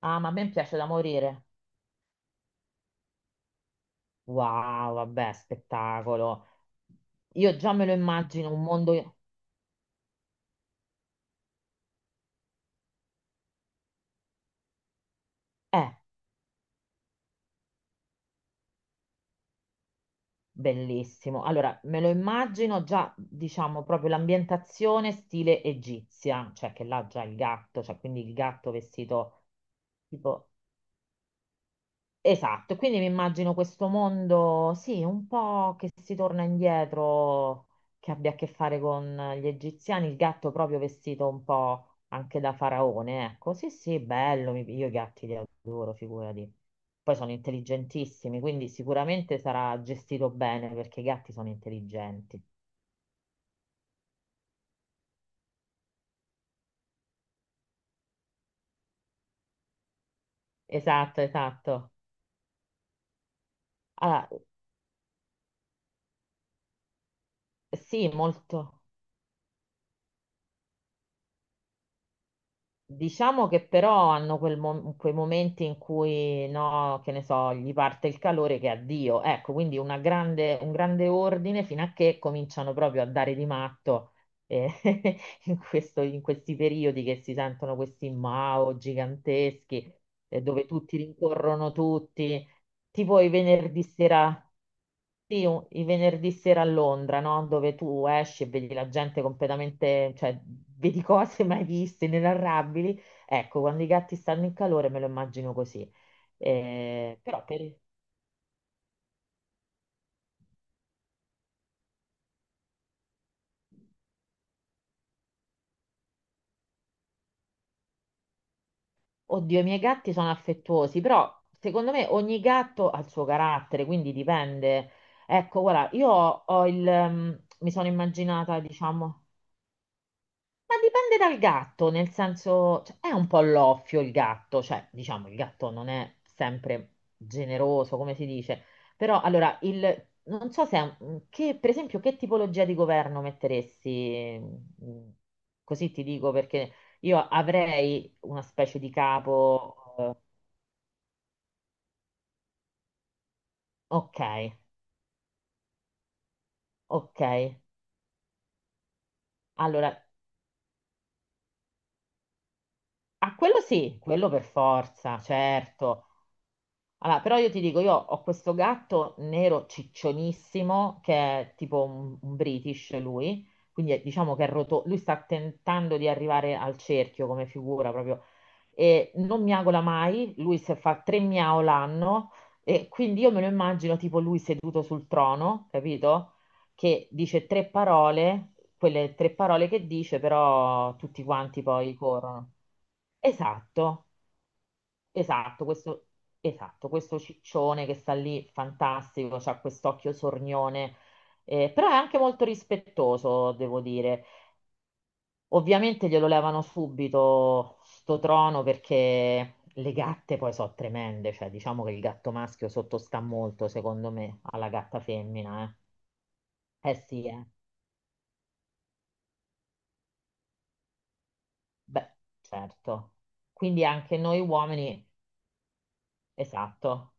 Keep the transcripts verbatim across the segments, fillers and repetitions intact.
Ah, ma a me piace da morire. Wow, vabbè, spettacolo. Io già me lo immagino un mondo... Eh, Bellissimo. Allora, me lo immagino già, diciamo, proprio l'ambientazione stile egizia, cioè che là già il gatto, cioè quindi il gatto vestito tipo. Esatto, quindi mi immagino questo mondo, sì, un po' che si torna indietro, che abbia a che fare con gli egiziani, il gatto proprio vestito un po' anche da faraone, ecco, sì, sì, bello, mi- io i gatti li adoro, figurati. Poi sono intelligentissimi, quindi sicuramente sarà gestito bene perché i gatti sono intelligenti. Esatto, esatto. Allora, sì, molto. Diciamo che però hanno quel mo- quei momenti in cui, no, che ne so, gli parte il calore che addio. Ecco, quindi una grande- un grande ordine fino a che cominciano proprio a dare di matto, eh, in questo- in questi periodi che si sentono questi Mao giganteschi, eh, dove tutti rincorrono tutti, tipo i venerdì sera. Sì, un- i venerdì sera a Londra, no? Dove tu esci e vedi la gente completamente, cioè vedi cose mai viste, inenarrabili. Ecco, quando i gatti stanno in calore me lo immagino così. Eh, però per... Oddio, i miei gatti sono affettuosi, però secondo me ogni gatto ha il suo carattere, quindi dipende. Ecco, guarda, io ho ho il... ehm, mi sono immaginata, diciamo... Ma dipende dal gatto, nel senso, cioè, è un po' l'offio il gatto, cioè, diciamo, il gatto non è sempre generoso, come si dice, però allora, il, non so se, è un- che, per esempio, che tipologia di governo metteresti, mm, così ti dico, perché io avrei una specie di capo, eh, ok, ok, allora, a quello sì, quello per forza, certo. Allora, però io ti dico, io ho questo gatto nero ciccionissimo che è tipo un, un British lui, quindi è- diciamo che è roto, lui sta tentando di arrivare al cerchio come figura proprio e non miagola mai, lui se fa tre miau l'anno e quindi io me lo immagino tipo lui seduto sul trono, capito? Che dice tre parole, quelle tre parole che dice però tutti quanti poi corrono. Esatto. Esatto, questo, esatto, questo ciccione che sta lì, fantastico, c'ha quest'occhio sornione, eh, però è anche molto rispettoso, devo dire. Ovviamente glielo levano subito sto trono perché le gatte poi sono tremende, cioè diciamo che il gatto maschio sottostà molto, secondo me, alla gatta femmina, eh. Eh sì, eh. Beh, certo. Quindi anche noi uomini, esatto,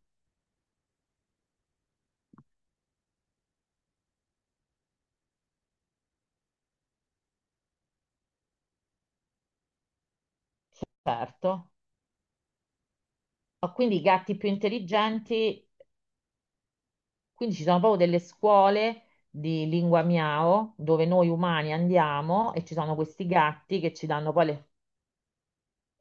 certo. Ma quindi i gatti più intelligenti. Quindi ci sono proprio delle scuole di lingua miao dove noi umani andiamo e ci sono questi gatti che ci danno poi le...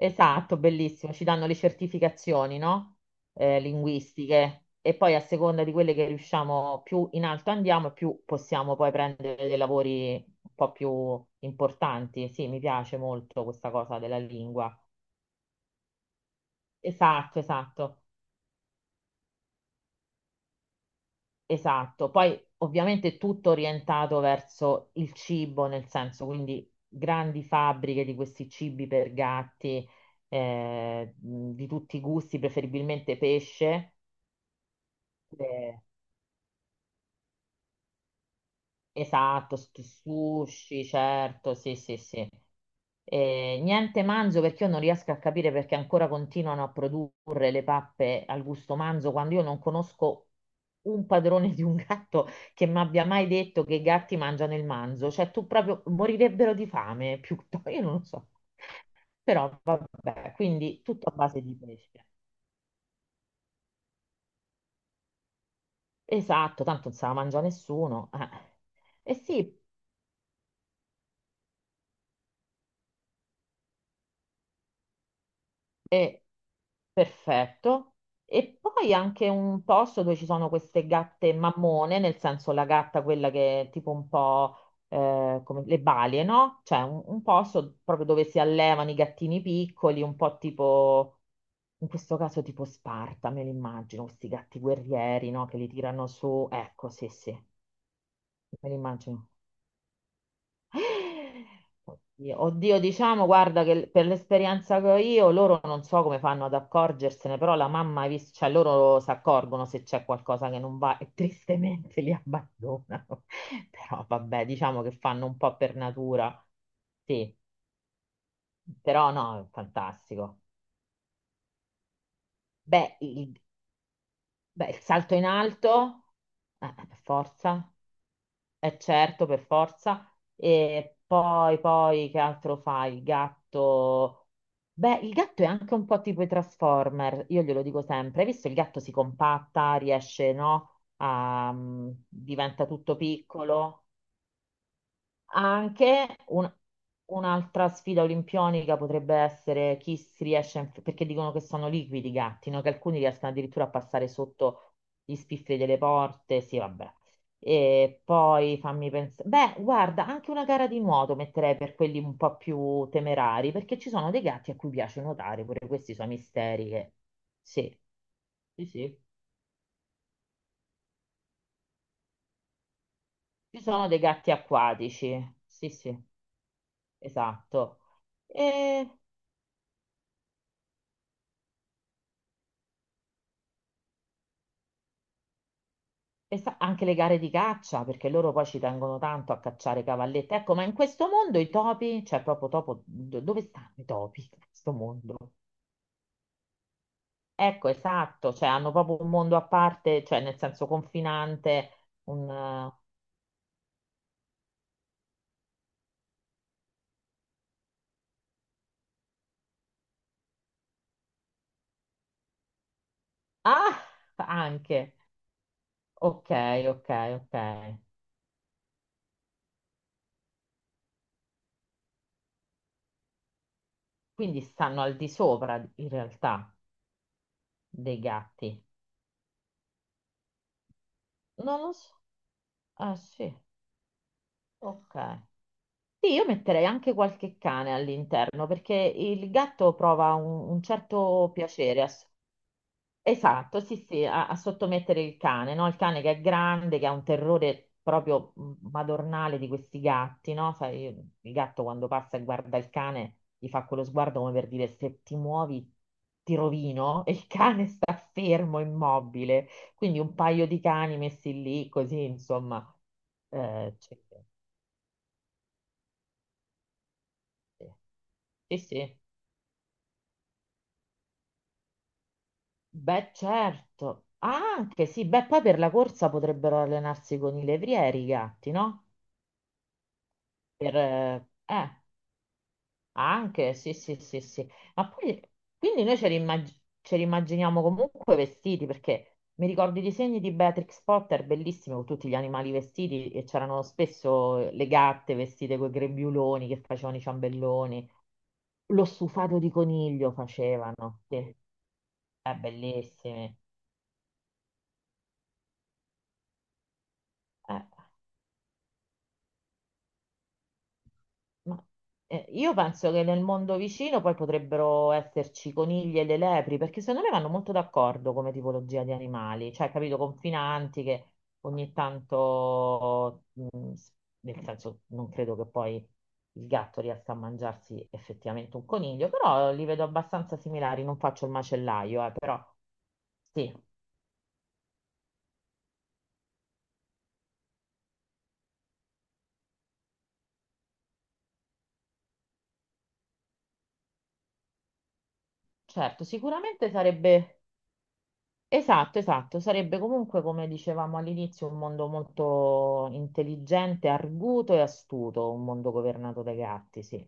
Esatto, bellissimo, ci danno le certificazioni, no? Eh, linguistiche. E poi a seconda di quelle che riusciamo, più in alto andiamo, e più possiamo poi prendere dei lavori un po' più importanti. Sì, mi piace molto questa cosa della lingua. Esatto, esatto. Esatto, poi ovviamente tutto orientato verso il cibo, nel senso quindi grandi fabbriche di questi cibi per gatti, eh, mh, di tutti i gusti, preferibilmente pesce. Eh, esatto, s- sushi, certo, sì, sì, sì. Eh, niente manzo perché io non riesco a capire perché ancora continuano a produrre le pappe al gusto manzo quando io non conosco un padrone di un gatto che mi abbia mai detto che i gatti mangiano il manzo. Cioè, tu proprio morirebbero di fame, piuttosto, io non lo so. Però vabbè, quindi tutto a base di pesce. Esatto, tanto non se la mangia nessuno. Eh. E sì, è perfetto. E poi anche un posto dove ci sono queste gatte mammone, nel senso la gatta quella che è tipo un po', eh, come le balie, no? Cioè un, un posto proprio dove si allevano i gattini piccoli, un po' tipo, in questo caso tipo Sparta, me li immagino, questi gatti guerrieri, no? Che li tirano su. Ecco, sì, sì, me li immagino. Oddio, oddio, diciamo, guarda che per l'esperienza che ho io, loro non so come fanno ad accorgersene, però la mamma, ha vis- cioè loro si accorgono se c'è qualcosa che non va e tristemente li abbandonano. Però vabbè, diciamo che fanno un po' per natura. Sì, però no, è fantastico. Beh, il, beh, il salto in alto, eh, per forza. Eh certo, per forza. E poi, poi, che altro fai? Il gatto... Beh, il gatto è anche un po' tipo i Transformer, io glielo dico sempre. Hai visto il gatto si compatta, riesce, no? A... mm, diventa tutto piccolo. Anche un- un'altra sfida olimpionica potrebbe essere chi si riesce, a inf- perché dicono che sono liquidi i gatti, no? Che alcuni riescono addirittura a passare sotto gli spifferi delle porte, sì, vabbè. E poi fammi pensare, beh, guarda, anche una gara di nuoto metterei per quelli un po' più temerari, perché ci sono dei gatti a cui piace nuotare, pure questi sono misteri che... Sì, sì, sì. Ci sono dei gatti acquatici, sì, sì, esatto. E sa- anche le gare di caccia, perché loro poi ci tengono tanto a cacciare cavallette. Ecco, ma in questo mondo i topi, cioè proprio topo, do- dove stanno i topi in questo mondo? Ecco, esatto, cioè hanno proprio un mondo a parte, cioè nel senso confinante, un... eh, Ah, anche. Ok, ok, ok. Quindi stanno al di sopra in realtà dei gatti. Non lo so. Ah, sì, ok. Sì, io metterei anche qualche cane all'interno perché il gatto prova un, un certo piacere, a s- esatto, sì, sì, a, a sottomettere il cane, no? Il cane che è grande, che ha un terrore proprio mh, madornale di questi gatti, no? Sai, il gatto quando passa e guarda il cane gli fa quello sguardo come per dire se ti muovi ti rovino e il cane sta fermo, immobile. Quindi un paio di cani messi lì così, insomma. Eh, c'è- sì, sì. Beh, certo. Ah, anche sì, beh, poi per la corsa potrebbero allenarsi con i levrieri i gatti, no? Per, eh, eh, anche, sì, sì, sì, sì. Ma poi, quindi noi ce li, immag- ce li immaginiamo comunque vestiti, perché mi ricordo i disegni di Beatrix Potter, bellissimi, con tutti gli animali vestiti, e c'erano spesso le gatte vestite con i grembiuloni che facevano i ciambelloni. Lo stufato di coniglio facevano, sì. Eh, bellissimi. Eh. Ma, eh, io penso che nel mondo vicino poi potrebbero esserci conigli e le lepri, perché secondo me vanno molto d'accordo come tipologia di animali, cioè, capito, confinanti che ogni tanto, mh, s- nel senso, non credo che poi il gatto riesca a mangiarsi effettivamente un coniglio, però li vedo abbastanza similari, non faccio il macellaio, eh, però sì, certo, sicuramente sarebbe. Esatto, esatto, sarebbe comunque, come dicevamo all'inizio, un mondo molto intelligente, arguto e astuto, un mondo governato dai gatti, sì.